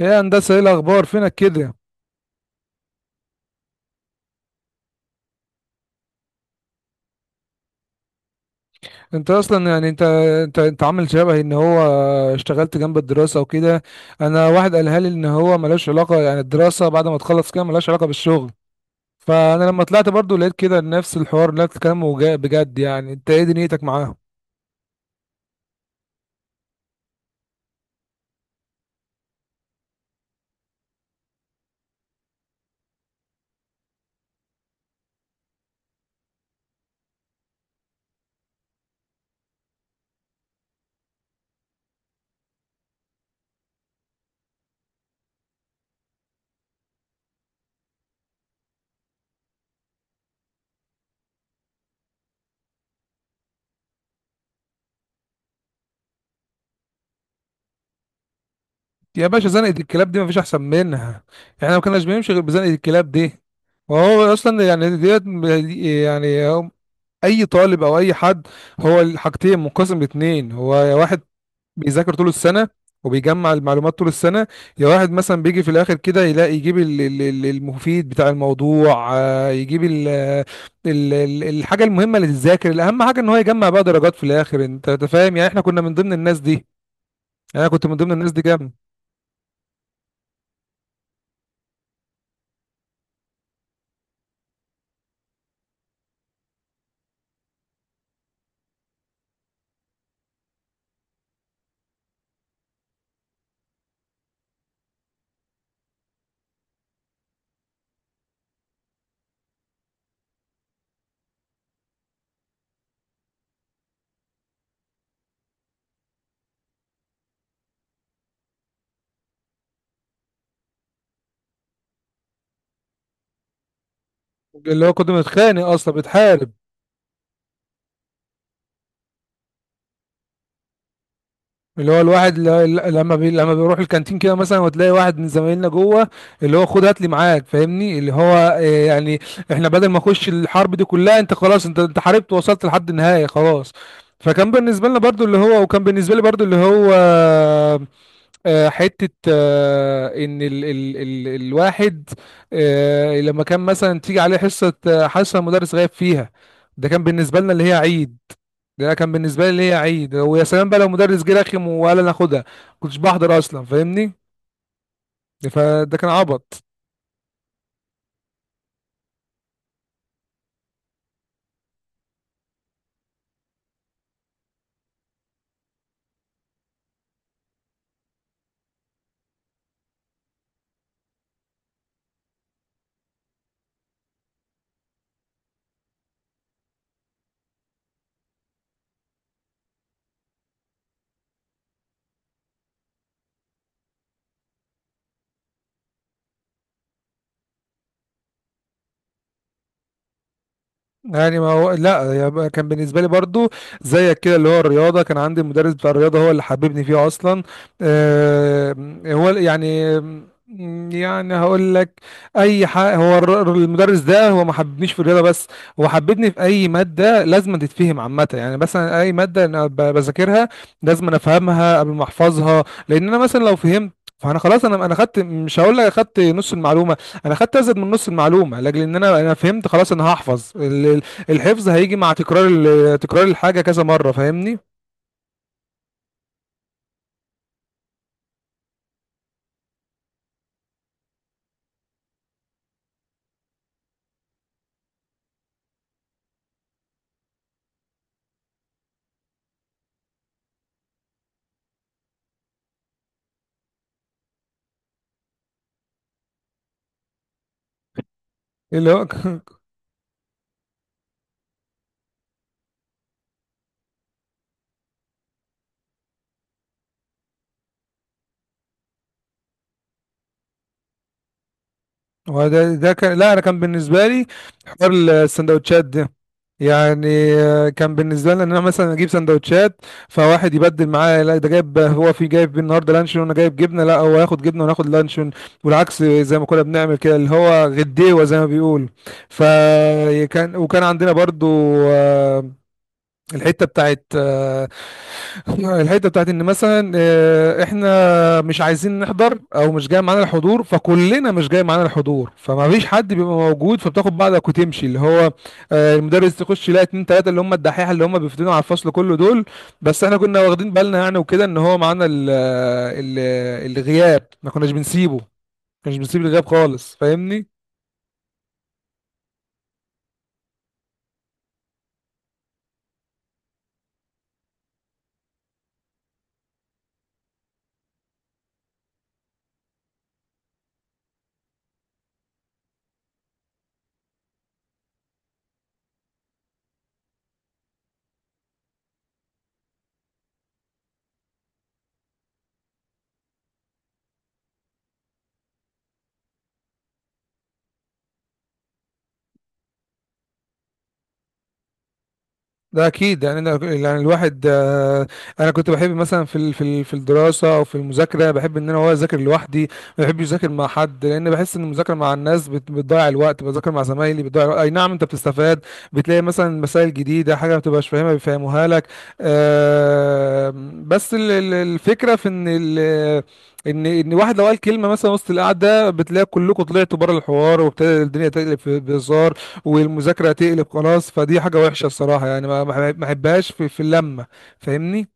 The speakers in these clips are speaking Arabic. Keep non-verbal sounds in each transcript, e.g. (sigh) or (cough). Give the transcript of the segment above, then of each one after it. ايه يا هندسه، ايه الاخبار؟ فينك كده؟ انت اصلا يعني انت عامل شبهي، ان هو اشتغلت جنب الدراسه وكده. انا واحد قالها لي ان هو ملوش علاقه، يعني الدراسه بعد ما تخلص كده ملوش علاقه بالشغل. فانا لما طلعت برضو لقيت كده نفس الحوار نفس الكلام بجد، يعني انت ايه دنيتك معاهم؟ يا باشا، زنقه الكلاب دي مفيش احسن منها، يعني ما كناش بنمشي غير بزنقه الكلاب دي. وهو اصلا يعني ديت، يعني اي طالب او اي حد، هو الحاجتين منقسم لاتنين: هو واحد بيذاكر طول السنة وبيجمع المعلومات طول السنة، يا واحد مثلا بيجي في الآخر كده يلاقي يجيب المفيد بتاع الموضوع، يجيب ال ال ال الحاجة المهمة اللي تتذاكر، الأهم حاجة إن هو يجمع بقى درجات في الآخر. أنت فاهم يعني؟ إحنا كنا من ضمن الناس دي، أنا كنت من ضمن الناس دي جامد. اللي هو كنت بنتخانق أصلا بتحارب. اللي هو الواحد لما بيروح الكانتين كده مثلا وتلاقي واحد من زمايلنا جوه، اللي هو خد هات لي معاك، فاهمني؟ اللي هو يعني احنا بدل ما اخش الحرب دي كلها، انت خلاص، انت حاربت ووصلت لحد النهاية خلاص. فكان بالنسبة لنا برضو اللي هو، وكان بالنسبة لي برضو اللي هو، حتة، إن ال ال ال الواحد، لما كان مثلا تيجي عليه حصة، حصة المدرس غايب فيها، ده كان بالنسبة لنا اللي هي عيد. ده كان بالنسبه لي ليا عيد، ويا سلام بقى لو مدرس جه رخم وقال انا اخدها. كنتش بحضر اصلا، فاهمني؟ فده كان عبط. يعني ما هو لا، يبقى كان بالنسبه لي برضو زيك كده، اللي هو الرياضه، كان عندي المدرس بتاع الرياضه هو اللي حببني فيه اصلا. آه، هو يعني هقول لك اي حاجه: هو المدرس ده هو ما حببنيش في الرياضه بس، هو حببني في اي ماده لازم تتفهم عامه. يعني مثلا اي ماده انا بذاكرها لازم أنا افهمها قبل ما احفظها. لان انا مثلا لو فهمت، فانا خلاص، انا خدت، مش هقول لك اخدت نص المعلومه، انا خدت ازيد من نص المعلومه، لاجل ان انا فهمت خلاص، انا هحفظ الحفظ هيجي مع تكرار تكرار الحاجه كذا مره، فاهمني؟ إيه اللي هو (laughs) هو ده كان، لا انا كان بالنسبه لي حوار السندوتشات ده، يعني كان بالنسبه لي ان انا مثلا اجيب سندوتشات فواحد يبدل معايا، لا ده جايب هو، في جايب النهارده لانشون وانا جايب جبنه، لا هو ياخد جبنه وانا اخد لانشون، والعكس زي ما كنا بنعمل كده، اللي هو غديوه زي ما بيقول. فكان، وكان عندنا برضو، آه، الحته بتاعت، الحته بتاعت ان مثلا احنا مش عايزين نحضر او مش جاي معانا الحضور، فكلنا مش جاي معانا الحضور، فما فيش حد بيبقى موجود، فبتاخد بعضك وتمشي. اللي هو المدرس يخش يلاقي اتنين تلاته اللي هم الدحيحه، اللي هم بيفتنوا على الفصل كله دول. بس احنا كنا واخدين بالنا، يعني وكده، ان هو معانا ال- الغياب ما كناش بنسيبه، ما كناش بنسيب الغياب خالص، فاهمني؟ ده اكيد، يعني انا، يعني الواحد، انا كنت بحب مثلا في الدراسه او في المذاكره، بحب ان انا هو اذاكر لوحدي. ما بحبش اذاكر مع حد، لان بحس ان المذاكره مع الناس بتضيع الوقت، بذاكر مع زمايلي بتضيع الوقت. اي نعم انت بتستفاد، بتلاقي مثلا مسائل جديده، حاجه ما بتبقاش فاهمها بيفهموها لك، آه، بس الفكره في ان ان واحد لو قال كلمه مثلا وسط القعده، بتلاقي كلكم طلعتوا بره الحوار وابتدى الدنيا تقلب في بهزار، والمذاكره هتقلب خلاص. فدي حاجه وحشه الصراحه، يعني ما احبهاش في في اللمه، فاهمني؟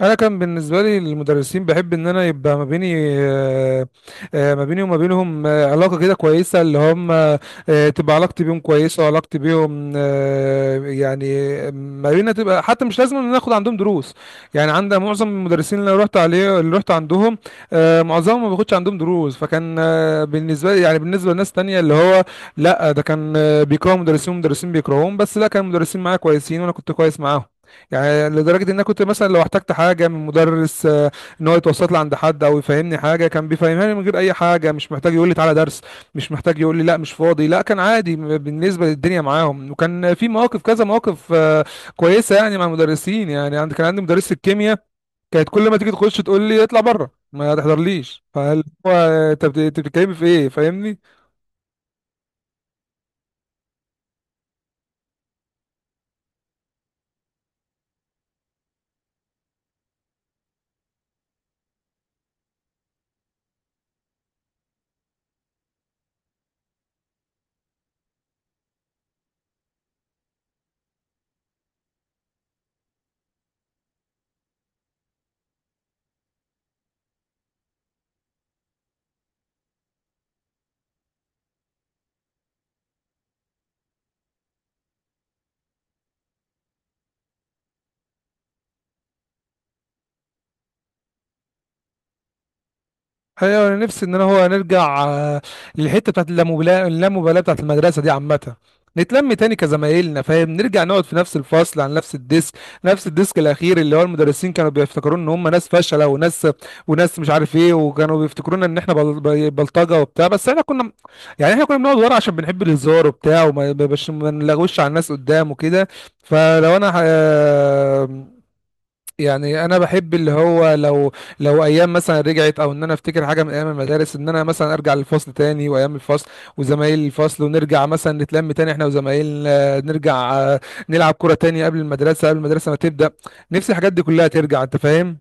انا كان بالنسبه لي المدرسين، بحب ان انا يبقى ما بيني، آه، ما بيني وما بينهم، علاقه كده كويسه، اللي هم، تبقى علاقتي بيهم كويسه وعلاقتي بيهم، يعني ما بينا تبقى، حتى مش لازم ان أنا اخد عندهم دروس. يعني عند معظم المدرسين اللي أنا رحت عليه، اللي رحت عندهم، معظمهم ما باخدش عندهم دروس. فكان بالنسبه لي، يعني بالنسبه لناس تانية اللي هو لا، ده كان بيكرهوا مدرسين ومدرسين بيكرهوهم، بس لا، كان المدرسين معايا كويسين وانا كنت كويس معاهم. يعني لدرجة ان انا كنت مثلا لو احتجت حاجة من مدرس، ان هو يتوسط لي عند حد او يفهمني حاجة، كان بيفهمها لي من غير اي حاجة، مش محتاج يقول لي تعالى درس، مش محتاج يقول لي لا مش فاضي، لا كان عادي بالنسبة للدنيا معاهم. وكان في مواقف كذا مواقف كويسة يعني مع المدرسين. يعني عند، كان عندي مدرسة الكيمياء، كانت كل ما تيجي تخش تقول لي اطلع بره ما تحضرليش، فقال هو أنت بتتكلمي في ايه، فاهمني؟ ايوه انا نفسي ان انا هو نرجع، للحته بتاعت اللامبالاه، اللامبالاه بتاعت المدرسه دي عامه، نتلم تاني كزمايلنا، فاهم؟ نرجع نقعد في نفس الفصل على نفس الديسك، نفس الديسك الاخير، اللي هو المدرسين كانوا بيفتكرون ان هم ناس فاشله وناس مش عارف ايه، وكانوا بيفتكرونا ان احنا بلطجه وبتاع، بس احنا كنا، يعني احنا كنا بنقعد ورا عشان بنحب الهزار وبتاع، وما بش... ما نلغوش على الناس قدام وكده. فلو انا ه... يعني انا بحب اللي هو لو، لو ايام مثلا رجعت، او ان انا افتكر حاجه من ايام المدارس، ان انا مثلا ارجع للفصل تاني، وايام الفصل وزمايل الفصل، ونرجع مثلا نتلم تاني احنا وزمايلنا، نرجع نلعب كوره تاني قبل المدرسه، قبل المدرسه ما تبدا. نفسي الحاجات دي كلها ترجع، انت فاهم؟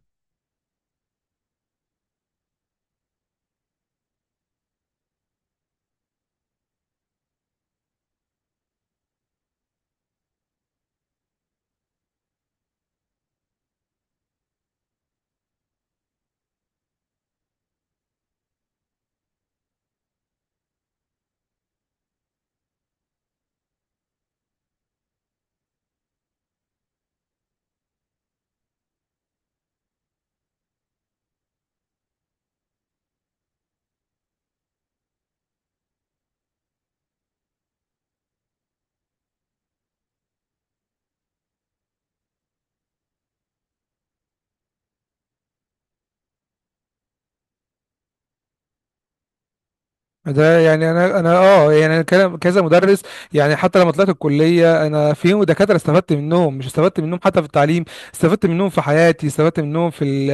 ده يعني انا، يعني انا كذا مدرس، يعني حتى لما طلعت الكليه انا في دكاتره استفدت منهم، مش استفدت منهم حتى في التعليم، استفدت منهم في حياتي، استفدت منهم في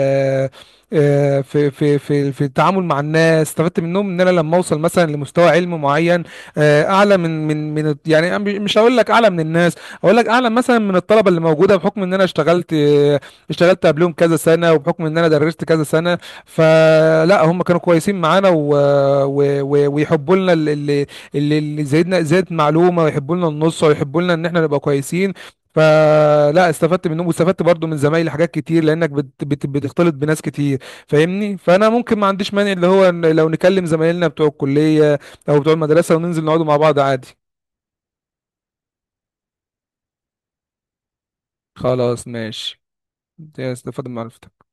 في التعامل مع الناس. استفدت منهم ان انا لما اوصل مثلا لمستوى علم معين، اعلى من يعني أنا مش هقول لك اعلى من الناس، اقول لك اعلى مثلا من الطلبه اللي موجوده، بحكم ان انا اشتغلت، اشتغلت قبلهم كذا سنه، وبحكم ان انا درست كذا سنه. فلا هم كانوا كويسين معانا، ويحبوا لنا اللي زايدنا زاد معلومه، ويحبوا لنا النص، ويحبوا لنا ان احنا نبقى كويسين. فلا استفدت منهم، واستفدت برضو من زمايلي حاجات كتير، لانك بت بت بتختلط بناس كتير، فاهمني؟ فانا ممكن ما عنديش مانع اللي هو إن لو نكلم زمايلنا بتوع الكليه او بتوع المدرسه وننزل نقعدوا مع بعض عادي. خلاص ماشي، استفدت من معرفتك.